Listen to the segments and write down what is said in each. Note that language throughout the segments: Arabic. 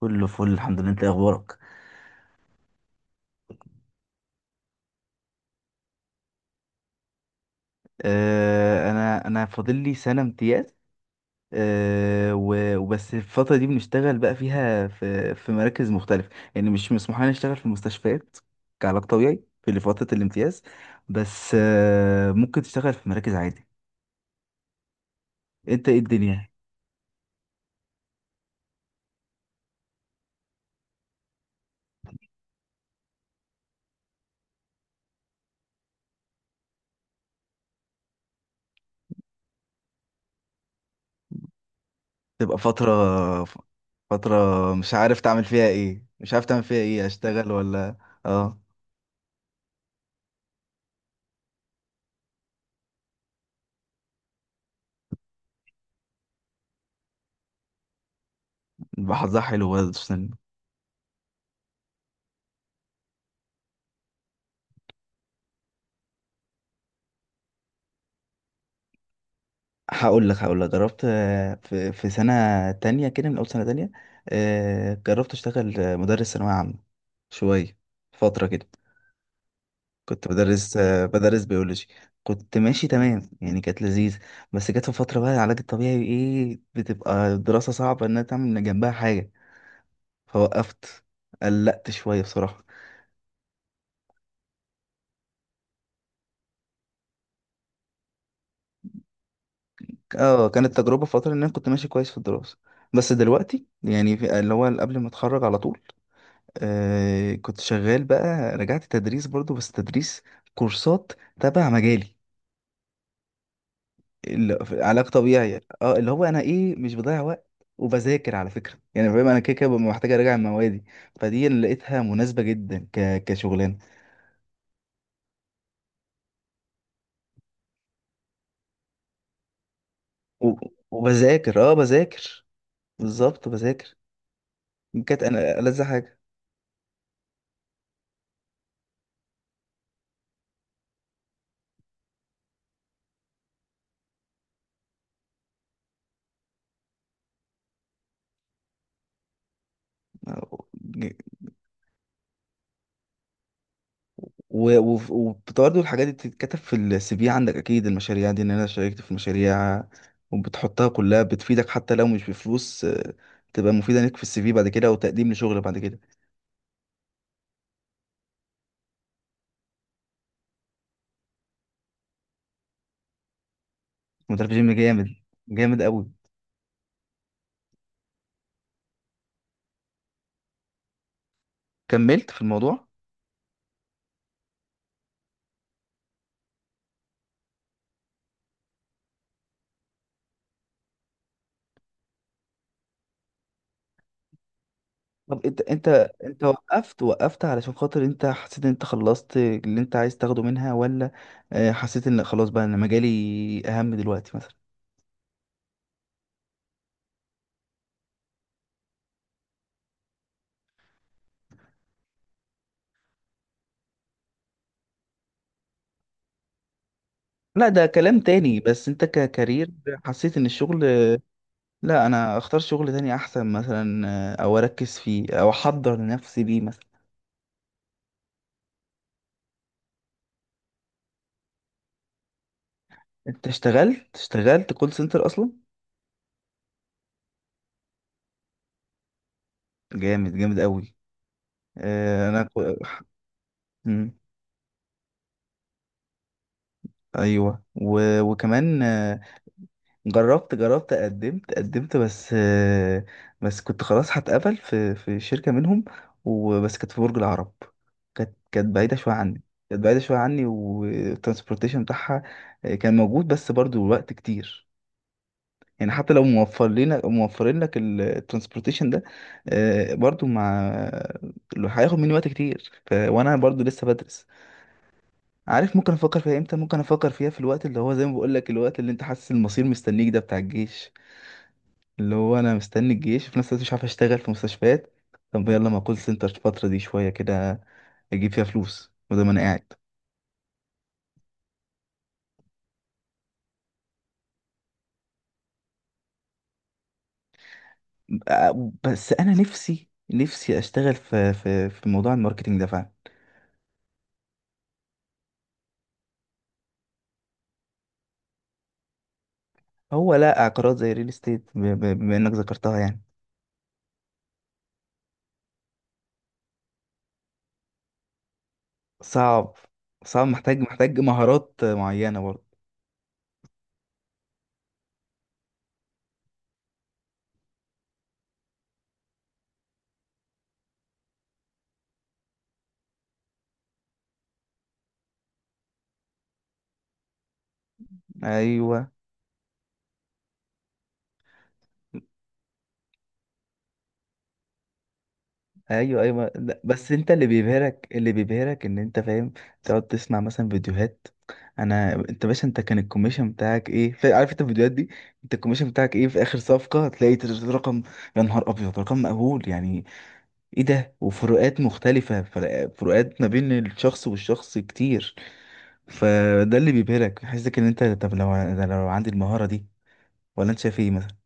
كله فل، الحمد لله. انت ايه اخبارك؟ انا فاضل لي سنه امتياز. وبس الفتره دي بنشتغل بقى فيها في مراكز مختلفه، يعني مش مسموح لنا نشتغل في مستشفيات كعلاج طبيعي في فتره الامتياز. بس ممكن تشتغل في مراكز عادي. انت ايه الدنيا؟ تبقى فتره مش عارف تعمل فيها ايه، مش عارف تعمل فيها ايه اشتغل ولا. اه، بحظها حلو برضه. هقول لك جربت، في سنة تانية كده، من أول سنة تانية. جربت أشتغل مدرس ثانوية عامة شوية، فترة كده. كنت بدرس، بدرس بيولوجي. كنت ماشي تمام، يعني كانت لذيذ. بس جت في فترة بقى العلاج الطبيعي، إيه، بتبقى الدراسة صعبة إنها تعمل جنبها حاجة، فوقفت. قلقت شوية بصراحة. اه، كانت تجربة فترة إن أنا كنت ماشي كويس في الدراسة، بس دلوقتي يعني في اللي هو قبل ما أتخرج على طول كنت شغال بقى، رجعت تدريس برضو، بس تدريس كورسات تبع مجالي، في علاج طبيعي. اه اللي هو انا ايه مش بضيع وقت، وبذاكر على فكرة. يعني فاهم، انا كده كده ببقى محتاج اراجع موادي، فدي اللي لقيتها مناسبة جدا كشغلانة. و... وبذاكر، بذاكر، بالظبط بذاكر. كانت انا ألذ حاجة. وبرضه الحاجات دي بتتكتب في السي في عندك، اكيد، المشاريع دي، ان انا شاركت في مشاريع، وبتحطها كلها، بتفيدك حتى لو مش بفلوس. تبقى مفيدة ليك في السي في بعد كده وتقديم لشغل بعد كده. مدرب جيم؟ جامد، جامد قوي. كملت في الموضوع؟ طب انت، وقفت علشان خاطر انت حسيت ان انت خلصت اللي انت عايز تاخده منها، ولا حسيت ان خلاص بقى انا مجالي اهم دلوقتي مثلا؟ لا، ده كلام تاني. بس انت ككارير حسيت ان الشغل، لا انا اختار شغل تاني احسن مثلا، او اركز فيه او احضر نفسي ليه مثلا؟ انت اشتغلت كول سنتر اصلا؟ جامد، جامد قوي. آه، انا كو- مم، ايوه. وكمان، جربت، قدمت، بس بس كنت خلاص هتقبل في شركة منهم، وبس كانت في برج العرب. كانت بعيدة شوية عني. كانت بعيدة شوية عني، والترانسبورتيشن بتاعها كان موجود، بس برضو وقت كتير. يعني حتى لو موفرين لك الترانسبورتيشن ده، برضو، مع لو هياخد مني وقت كتير وانا برضو لسه بدرس. عارف ممكن افكر فيها امتى؟ ممكن افكر فيها في الوقت اللي هو زي ما بقول لك، الوقت اللي انت حاسس المصير مستنيك، ده بتاع الجيش. اللي هو انا مستني الجيش، وفي نفس الوقت مش عارف اشتغل في مستشفيات. طب يلا، ما كول سنتر الفترة دي شوية كده، اجيب فيها فلوس، وده ما انا قاعد. بس انا نفسي اشتغل في موضوع الماركتينج ده فعلا. هو لا، عقارات زي الريل استيت، بما انك ذكرتها يعني. صعب، صعب، محتاج مهارات معينة برضه. ايوه، ايوه، ايوه، لا، بس انت اللي بيبهرك، ان انت فاهم، تقعد تسمع مثلا فيديوهات: انا انت باشا، انت كان الكوميشن بتاعك ايه؟ عارف انت الفيديوهات دي؟ انت الكوميشن بتاعك ايه في اخر صفقة؟ هتلاقي رقم. يا نهار ابيض، رقم مقبول يعني؟ ايه ده؟ وفروقات مختلفة، فروقات ما بين الشخص والشخص كتير. فده اللي بيبهرك، يحسسك ان انت طب لو عندي المهارة دي، ولا انت شايف ايه مثلا؟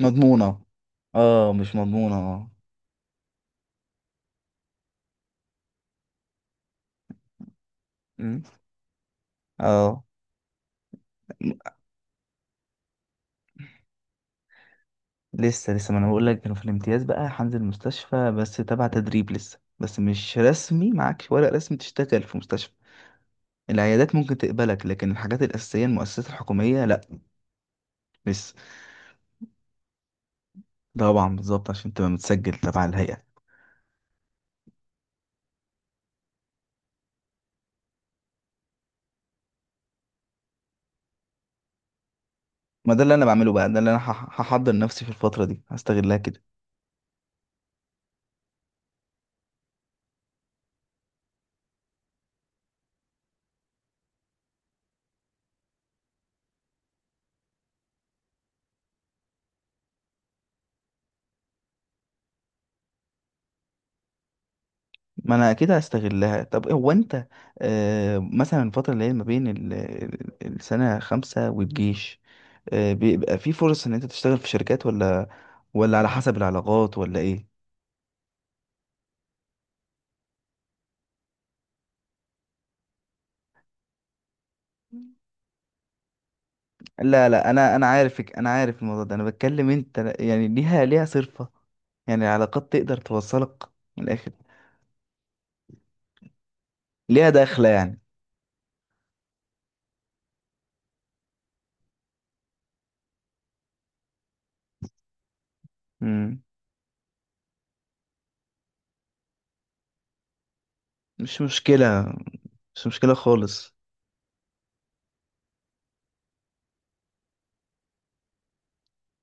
مضمونة؟ اه، مش مضمونة، اه. مم. اه، لسه ما انا بقول لك، كانوا في الامتياز بقى هنزل مستشفى، بس تبع تدريب لسه، بس مش رسمي، معاكش ورق رسمي تشتغل في مستشفى. العيادات ممكن تقبلك، لكن الحاجات الأساسية المؤسسات الحكومية لا، لسه. طبعا، بالظبط، عشان تبقى متسجل تبع الهيئة. ما ده اللي انا بعمله بقى، ده اللي انا هحضر نفسي في الفترة دي، هستغلها كده. ما انا اكيد هستغلها. طب هو انت، مثلا الفتره اللي هي ما بين السنه 5 والجيش، بيبقى في فرص ان انت تشتغل في شركات، ولا ولا على حسب العلاقات، ولا ايه؟ لا، لا، انا عارفك، انا عارف الموضوع ده. انا بتكلم انت يعني ليها، صرفه، يعني العلاقات تقدر توصلك، من الاخر، ليها دخله يعني؟ مم. مش مشكله، مش مشكله خالص.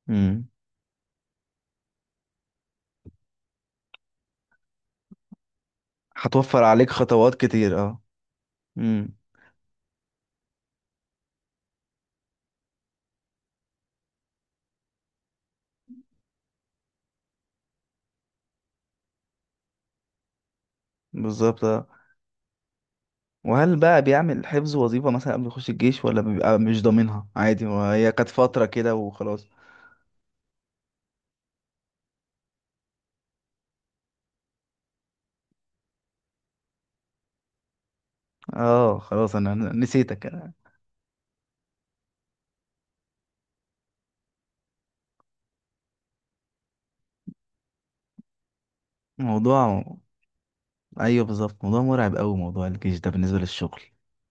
مم. هتوفر عليك خطوات كتير، اه. مم. بالظبط. وهل بقى بيعمل الحفظ وظيفة مثلا قبل يخش الجيش، ولا بيبقى مش ضامنها عادي وهي كانت فترة كده وخلاص؟ اه، خلاص، انا نسيتك أنا. موضوع ايوه، بالظبط، موضوع مرعب قوي موضوع الجيش ده بالنسبة للشغل،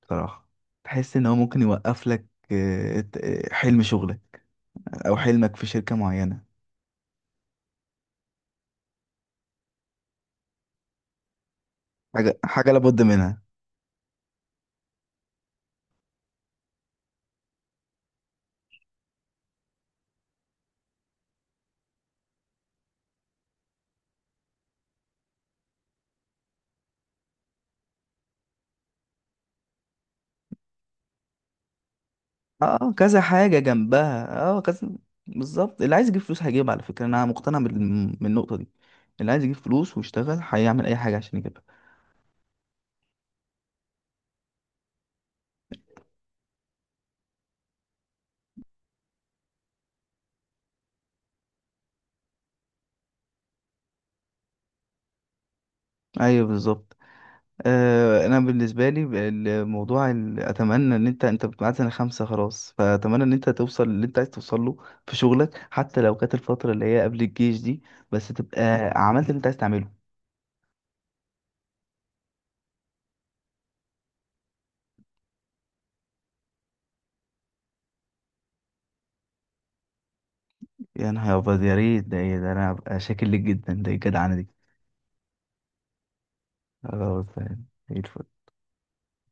بصراحة. تحس ان هو ممكن يوقف لك حلم شغلك، او حلمك في شركة معينة. حاجة لابد منها. اه كذا حاجة جنبها، كذا. بالظبط، اللي عايز يجيب فلوس هيجيب، على فكرة انا مقتنع بالنقطة دي. اللي عايز يجيب فلوس ويشتغل هيعمل اي حاجة عشان يجيبها. ايوه، بالظبط. انا بالنسبه لي الموضوع، اتمنى ان انت معاك سنه 5 خلاص، فاتمنى ان انت توصل اللي انت عايز توصل له في شغلك، حتى لو كانت الفتره اللي هي قبل الجيش دي، بس تبقى عملت اللي انت عايز تعمله. يا نهار ابيض، يا ريت ده. ايه ده. انا هبقى شاكر لك جدا. ده إيه الجدعنه دي؟ خلاص يعني، زي الفل.